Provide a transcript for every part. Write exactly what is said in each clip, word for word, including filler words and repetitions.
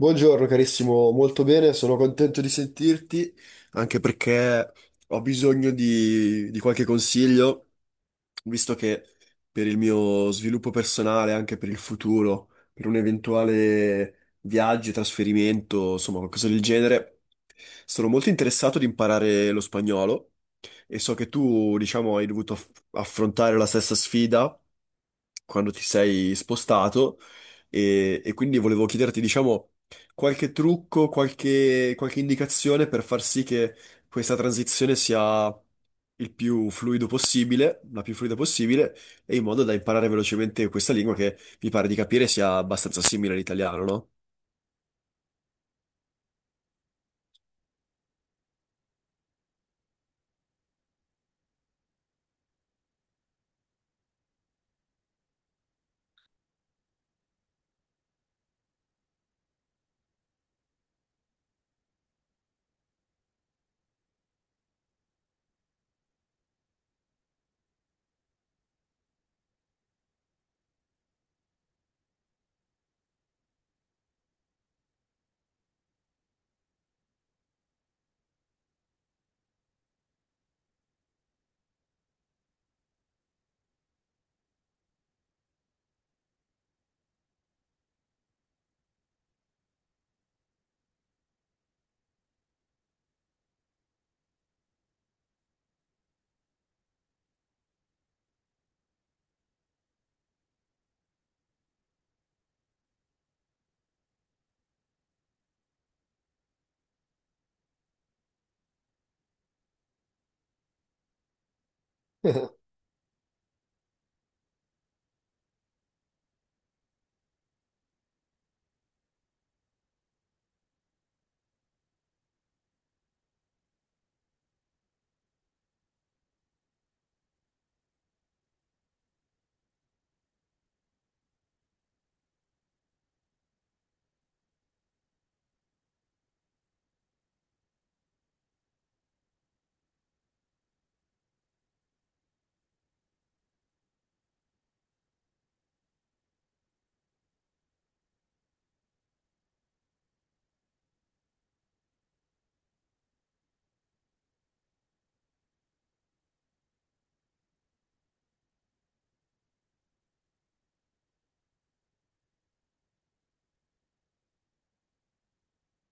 Buongiorno carissimo, molto bene, sono contento di sentirti, anche perché ho bisogno di, di qualche consiglio, visto che per il mio sviluppo personale, anche per il futuro, per un eventuale viaggio, trasferimento, insomma qualcosa del genere, sono molto interessato di imparare lo spagnolo e so che tu, diciamo, hai dovuto aff- affrontare la stessa sfida quando ti sei spostato e, e quindi volevo chiederti, diciamo qualche trucco, qualche, qualche indicazione per far sì che questa transizione sia il più fluido possibile, la più fluida possibile, e in modo da imparare velocemente questa lingua che mi pare di capire sia abbastanza simile all'italiano, no?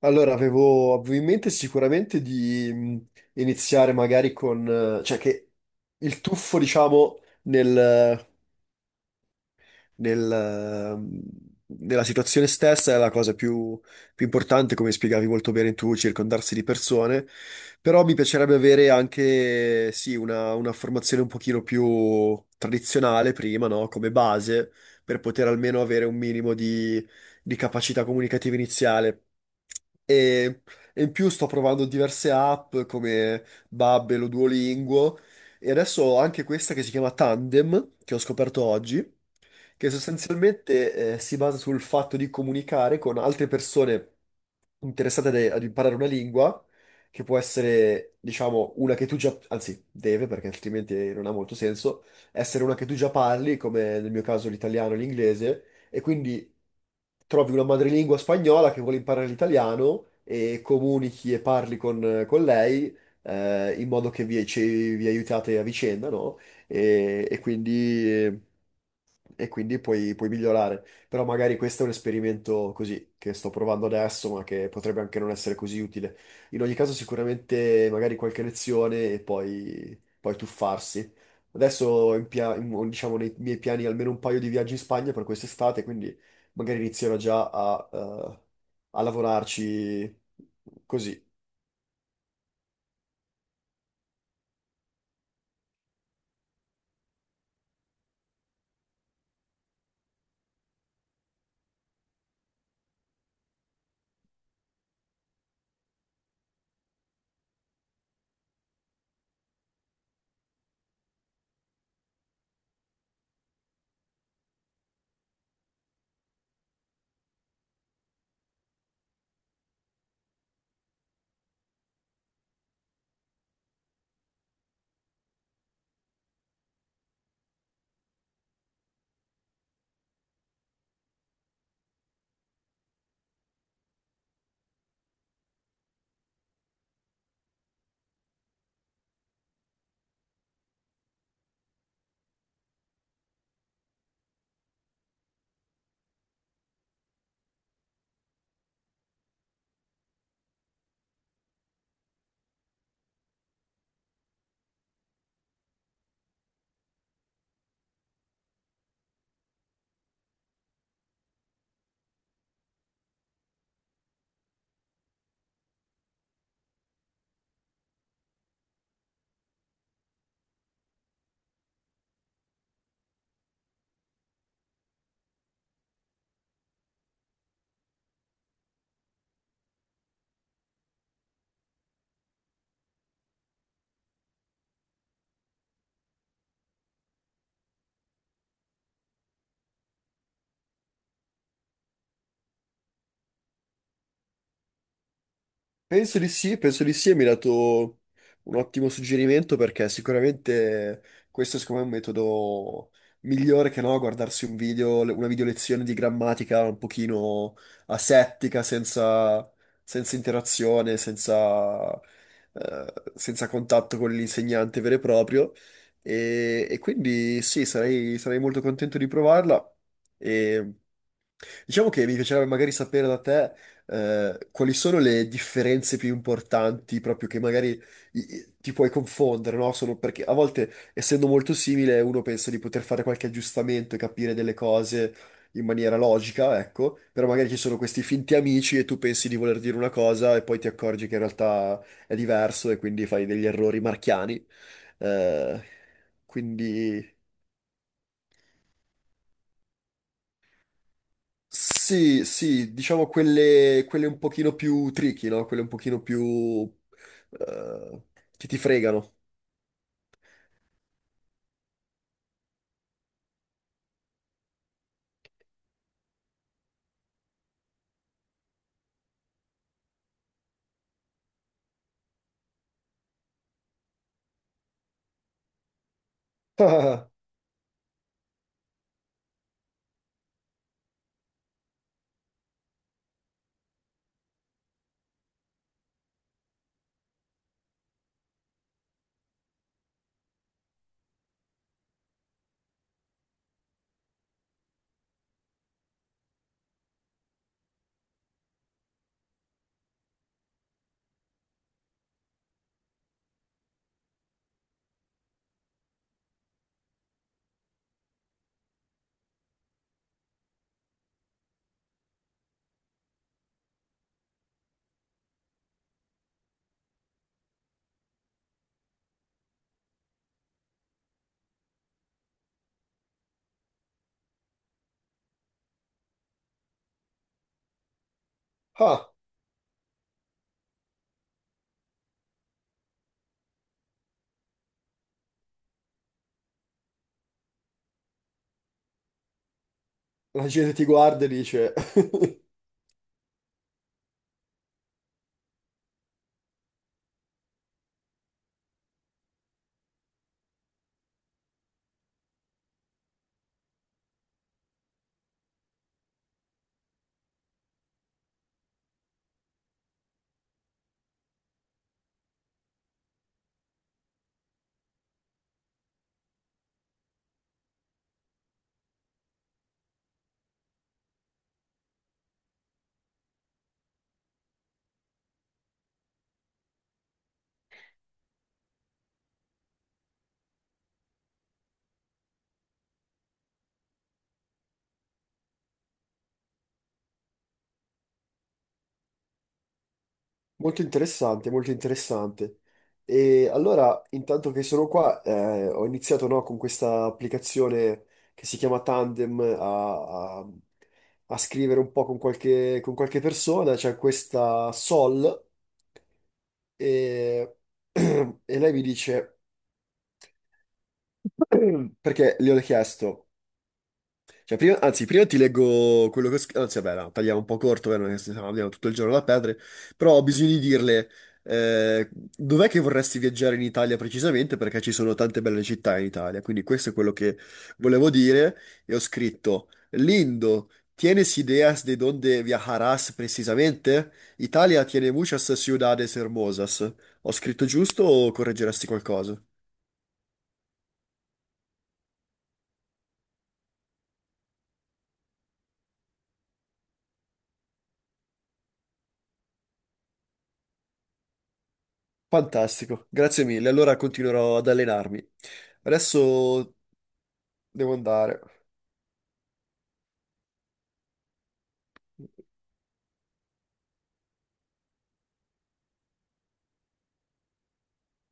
Allora, avevo, avevo in mente sicuramente di mh, iniziare magari con, eh, cioè che il tuffo, diciamo, nel, ehm, nella situazione stessa è la cosa più, più importante, come spiegavi molto bene tu, circondarsi di persone, però mi piacerebbe avere anche, sì, una, una formazione un pochino più tradizionale prima, no? Come base, per poter almeno avere un minimo di, di capacità comunicativa iniziale. E, e in più sto provando diverse app come Babbel o Duolingo, e adesso ho anche questa che si chiama Tandem, che ho scoperto oggi, che sostanzialmente eh, si basa sul fatto di comunicare con altre persone interessate de- ad imparare una lingua, che può essere, diciamo, una che tu già, anzi, deve, perché altrimenti non ha molto senso, essere una che tu già parli, come nel mio caso l'italiano e l'inglese, e quindi trovi una madrelingua spagnola che vuole imparare l'italiano e comunichi e parli con, con lei. Eh, in modo che vi, ci- vi aiutate a vicenda, no? E, e quindi e quindi puoi, puoi migliorare. Però magari questo è un esperimento così che sto provando adesso, ma che potrebbe anche non essere così utile. In ogni caso, sicuramente magari qualche lezione e poi, poi tuffarsi. Adesso ho in pia- in- diciamo nei miei piani almeno un paio di viaggi in Spagna per quest'estate, quindi magari inizierò già a, eh, a lavorarci così. Penso di sì, penso di sì, e mi hai dato un ottimo suggerimento perché sicuramente questo è secondo me è un metodo migliore che no, guardarsi un video, una video lezione di grammatica un pochino asettica, senza, senza interazione, senza, eh, senza contatto con l'insegnante vero e proprio. E, e quindi sì, sarei, sarei molto contento di provarla. E diciamo che mi piacerebbe magari sapere da te eh, quali sono le differenze più importanti, proprio che magari i- i- ti puoi confondere, no? Sono perché a volte, essendo molto simile, uno pensa di poter fare qualche aggiustamento e capire delle cose in maniera logica, ecco, però magari ci sono questi finti amici e tu pensi di voler dire una cosa e poi ti accorgi che in realtà è diverso e quindi fai degli errori marchiani. Eh, quindi. Sì, sì, diciamo quelle, quelle un pochino più tricky, no? Quelle un pochino più eh, che ti fregano. Ah, ah, la gente ti guarda e dice... Molto interessante, molto interessante. E allora, intanto che sono qua, eh, ho iniziato, no, con questa applicazione che si chiama Tandem a, a- a scrivere un po' con qualche, con qualche persona. C'è questa Sol e, e lei mi dice... Perché gli ho chiesto, cioè, prima- anzi, prima ti leggo quello che ho scritto, anzi, vabbè, no, tagliamo un po' corto, vero? Che stiamo abbiamo tutto il giorno da perdere, però ho bisogno di dirle, eh, dov'è che vorresti viaggiare in Italia precisamente? Perché ci sono tante belle città in Italia, quindi questo è quello che volevo dire, e ho scritto, Lindo, ¿tienes ideas de dónde viajarás precisamente? Italia tiene muchas ciudades hermosas. Ho scritto giusto o correggeresti qualcosa? Fantastico, grazie mille. Allora continuerò ad allenarmi. Adesso devo andare.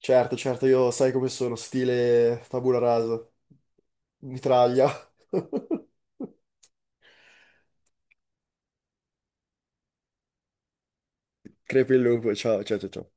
Certo, certo, io sai come sono, stile tabula rasa, mitraglia. Crepi il lupo, ciao, ciao, ciao. Ciao.